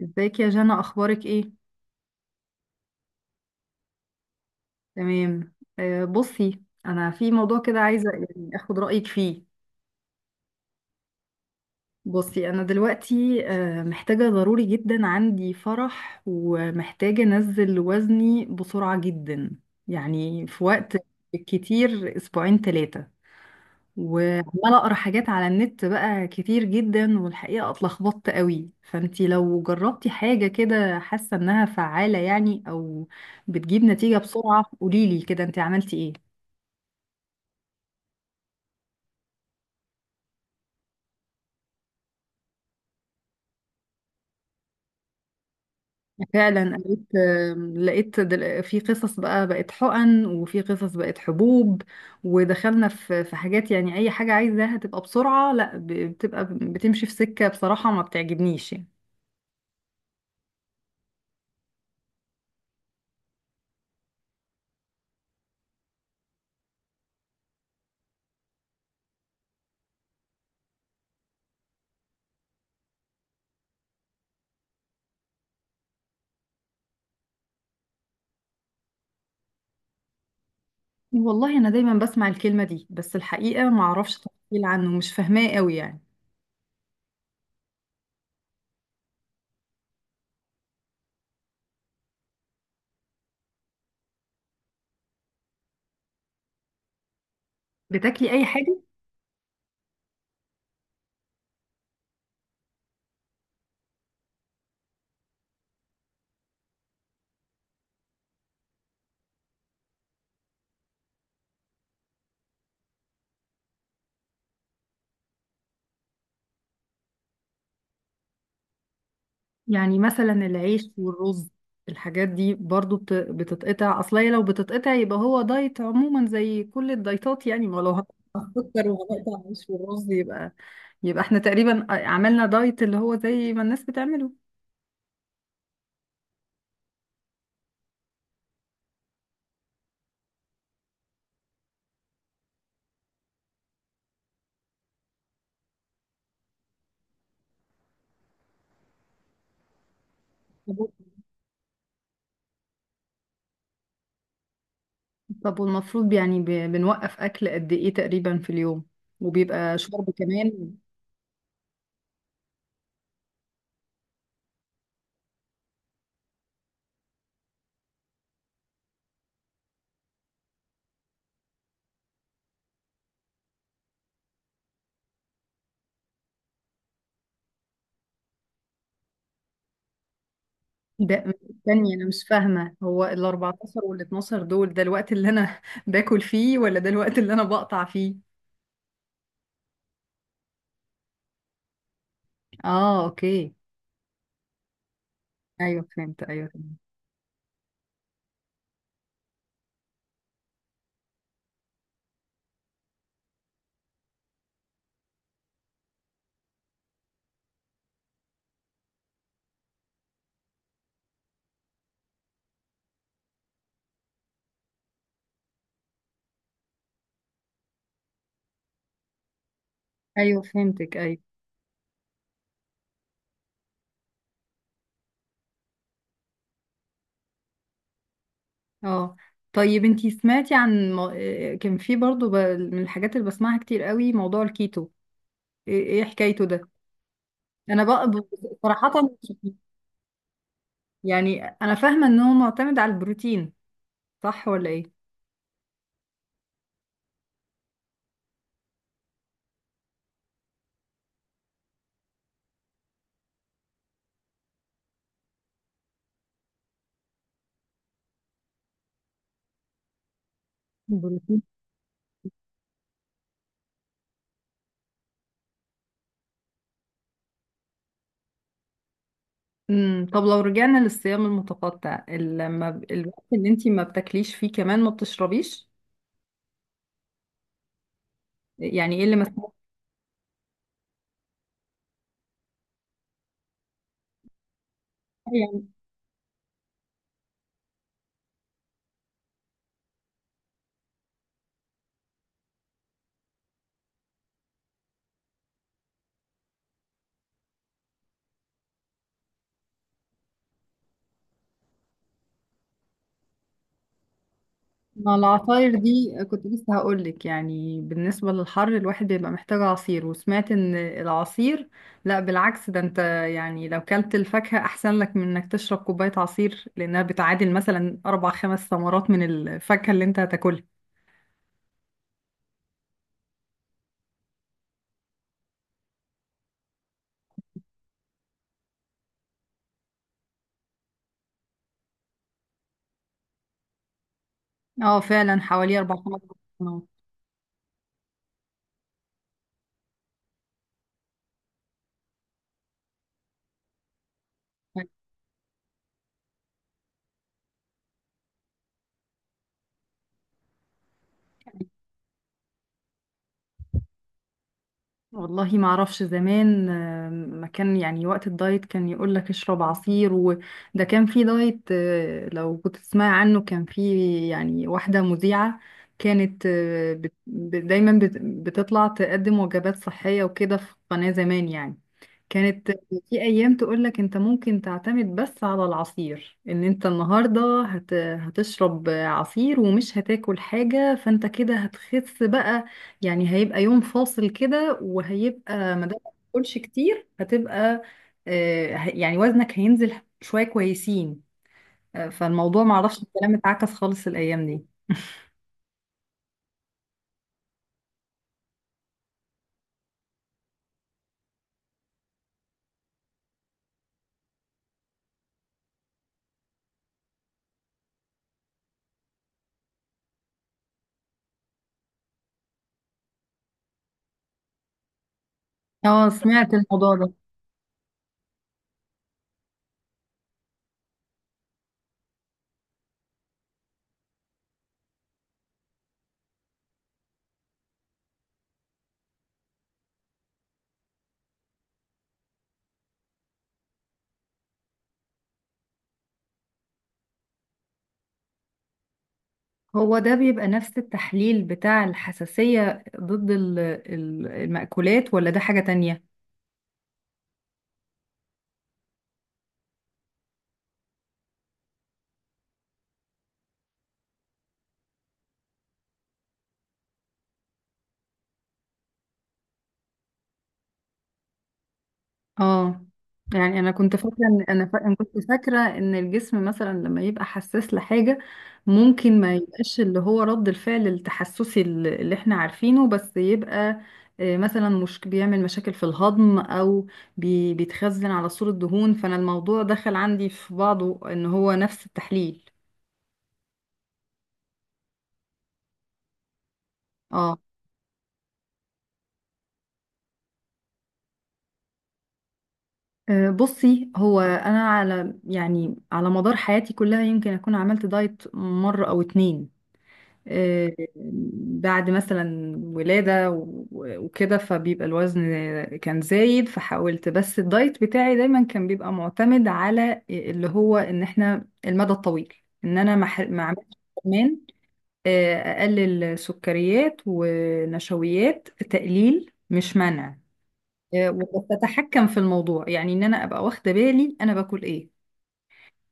ازيك يا جنى؟ اخبارك ايه؟ تمام. بصي، انا في موضوع كده عايزه اخد رايك فيه. بصي، انا دلوقتي محتاجه ضروري جدا، عندي فرح ومحتاجه انزل وزني بسرعه جدا. يعني في وقت كتير، اسبوعين ثلاثه، وعمالة اقرا حاجات على النت بقى كتير جدا، والحقيقة اتلخبطت قوي. فانتي لو جربتي حاجة كده حاسة انها فعالة يعني، او بتجيب نتيجة بسرعة، قوليلي كده انتي عملتي ايه. فعلا قريت، لقيت في قصص بقى بقت حقن، وفي قصص بقت حبوب، ودخلنا في حاجات. يعني اي حاجة عايزاها تبقى بسرعة، لا، بتبقى بتمشي في سكة بصراحة ما بتعجبنيش يعني. والله انا دايما بسمع الكلمه دي، بس الحقيقه ما اعرفش تفصيل عنه، مش فاهماه قوي يعني. بتاكلي اي حاجه؟ يعني مثلا العيش والرز، الحاجات دي برضو بتتقطع؟ اصل هي لو بتتقطع يبقى هو دايت عموما زي كل الدايتات يعني، ما لو هنقطع السكر وهنقطع العيش والرز يبقى، يبقى احنا تقريبا عملنا دايت اللي هو زي ما الناس بتعمله. طب، طب والمفروض يعني بنوقف اكل قد ايه تقريبا في اليوم؟ وبيبقى شرب كمان؟ ده تاني، انا مش فاهمه، هو ال 14 وال 12 دول ده الوقت اللي انا باكل فيه، ولا ده الوقت اللي انا بقطع فيه؟ اه اوكي. ايوه فهمت، ايوه فهمت. ايوه فهمتك، ايوه. اه طيب، انتي سمعتي عن كان في برضو من الحاجات اللي بسمعها كتير قوي، موضوع الكيتو. ايه، إيه حكايته ده؟ انا بقى صراحه، مش- يعني انا فاهمه ان هو معتمد على البروتين، صح ولا ايه؟ بروتين. امم، طب لو رجعنا للصيام المتقطع، لما الوقت اللي انتي ما بتاكليش فيه كمان ما بتشربيش؟ يعني ايه اللي مسموح؟ يعني مع العصاير دي، كنت لسه هقول لك، يعني بالنسبة للحر الواحد بيبقى محتاج عصير. وسمعت ان العصير، لا بالعكس، ده انت يعني لو كلت الفاكهة احسن لك من انك تشرب كوباية عصير، لانها بتعادل مثلا اربع خمس ثمرات من الفاكهة اللي انت هتاكلها. اه فعلا، حوالي اربع خمس ثمرات. والله ما اعرفش، زمان، ما كان يعني وقت الدايت كان يقول لك اشرب عصير. وده كان في دايت، لو كنت تسمع عنه، كان في يعني واحدة مذيعة كانت، دايما بتطلع تقدم وجبات صحية وكده في قناة زمان يعني. كانت في ايام تقول لك انت ممكن تعتمد بس على العصير، ان انت النهاردة هتشرب عصير ومش هتاكل حاجة، فانت كده هتخس بقى. يعني هيبقى يوم فاصل كده، وهيبقى ما دام ما تاكلش كتير هتبقى، يعني وزنك هينزل شوية كويسين. فالموضوع معرفش الكلام اتعكس خالص الأيام دي. اه سمعت الموضوع ده. هو ده بيبقى نفس التحليل بتاع الحساسية ضد المأكولات، ولا ده حاجة تانية؟ اه. يعني انا كنت فاكره ان انا أنا كنت فاكره ان الجسم مثلا لما يبقى حساس لحاجه، ممكن ما يبقاش اللي هو رد الفعل التحسسي اللي احنا عارفينه، بس يبقى مثلا مش بيعمل مشاكل في الهضم، او بيتخزن على صورة دهون. فانا الموضوع دخل عندي في بعضه ان هو نفس التحليل. اه بصي هو انا على، يعني على مدار حياتي كلها يمكن اكون عملت دايت مره او اتنين، آه، بعد مثلا ولادة وكده، فبيبقى الوزن كان زايد. فحاولت، بس الدايت بتاعي دايما كان بيبقى معتمد على اللي هو ان احنا المدى الطويل، ان انا ما عملتش كمان، آه، اقلل سكريات ونشويات، تقليل مش منع. وكنت اتحكم في الموضوع، يعني ان انا ابقى واخده بالي انا باكل ايه.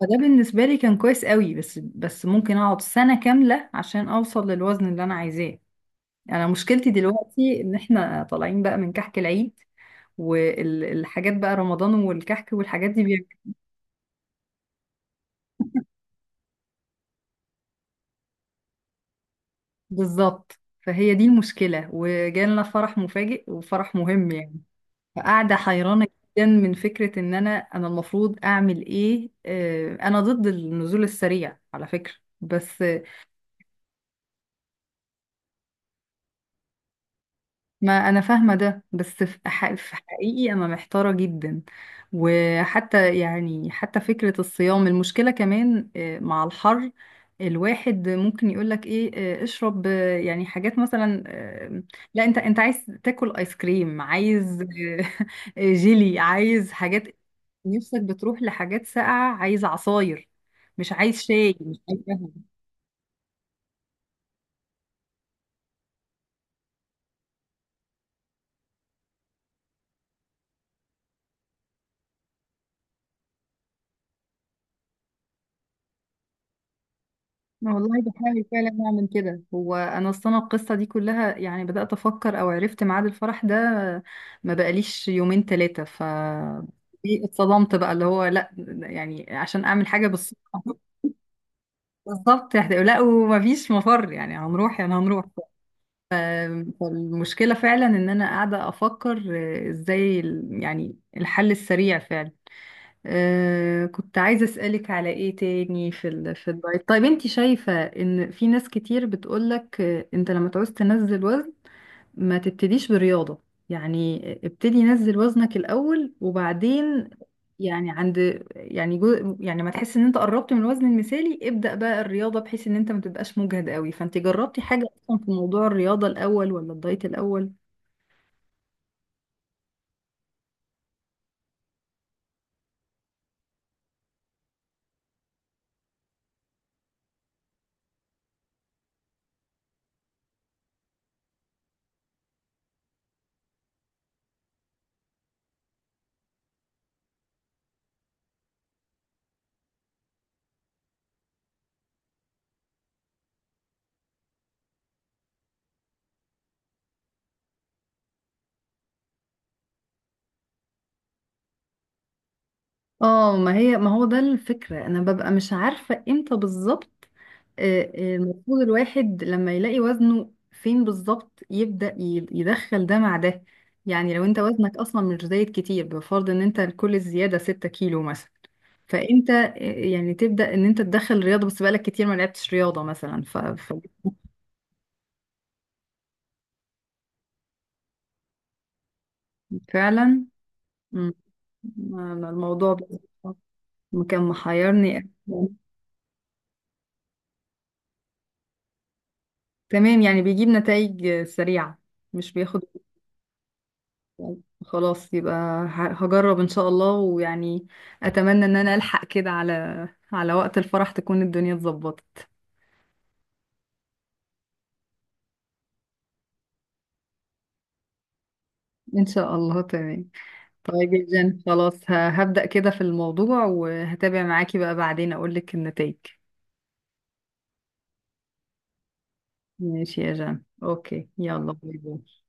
فده بالنسبه لي كان كويس قوي، بس ممكن اقعد سنه كامله عشان اوصل للوزن اللي انا عايزاه. يعني انا مشكلتي دلوقتي ان احنا طالعين بقى من كحك العيد، والحاجات بقى، رمضان والكحك والحاجات دي بالظبط، فهي دي المشكلة. وجالنا فرح مفاجئ وفرح مهم يعني، فقاعدة حيرانة جدا من فكرة ان انا، انا المفروض اعمل ايه؟ انا ضد النزول السريع على فكرة، بس. ما انا فاهمه ده، بس في في حقيقي انا محتاره جدا. وحتى يعني حتى فكره الصيام، المشكله كمان، مع الحر الواحد ممكن يقولك ايه؟ اشرب، يعني حاجات مثلا، لا، انت انت عايز تاكل ايس كريم، عايز جيلي، عايز حاجات، نفسك بتروح لحاجات ساقعه، عايز عصاير، مش عايز شاي، مش عايز. أنا والله بحاول فعلا نعمل كده. هو انا اصلا القصه دي كلها، يعني بدات افكر او عرفت ميعاد الفرح ده ما بقاليش يومين ثلاثه. ف إيه، اتصدمت بقى اللي هو لا، يعني عشان اعمل حاجه بالصدفه. بالظبط يعني، لا، ومفيش مفر يعني، هنروح، يعني هنروح. فالمشكله فعلا ان انا قاعده افكر، ازاي يعني الحل السريع فعلا. آه، كنت عايزة أسألك على ايه تاني في في الدايت. طيب انت شايفة ان في ناس كتير بتقولك انت لما تعوز تنزل وزن ما تبتديش برياضة؟ يعني ابتدي نزل وزنك الأول، وبعدين يعني عند، يعني يعني ما تحس ان انت قربت من الوزن المثالي، ابدأ بقى الرياضة، بحيث ان انت ما تبقاش مجهد قوي. فانت جربتي حاجة اصلا في موضوع الرياضة الأول ولا الدايت الأول؟ اه، ما هي، ما هو ده الفكرة، انا ببقى مش عارفة امتى بالظبط. المفروض الواحد لما يلاقي وزنه فين بالظبط يبدأ يدخل ده مع ده؟ يعني لو انت وزنك اصلا مش زايد كتير، بفرض ان انت كل الزيادة 6 كيلو مثلا، فانت يعني تبدأ ان انت تدخل رياضة، بس بقالك كتير ما لعبتش رياضة مثلا، فعلا. مم، أنا الموضوع ده كان محيرني. تمام، يعني بيجيب نتائج سريعة، مش بياخد؟ خلاص يبقى، هجرب ان شاء الله. ويعني اتمنى ان انا الحق كده على، على وقت الفرح تكون الدنيا اتظبطت. ان شاء الله، تمام. طيب يا جن، خلاص، هبدأ كده في الموضوع، وهتابع معاكي بقى بعدين اقول لك النتائج. ماشي يا جان، اوكي، يلا باي باي.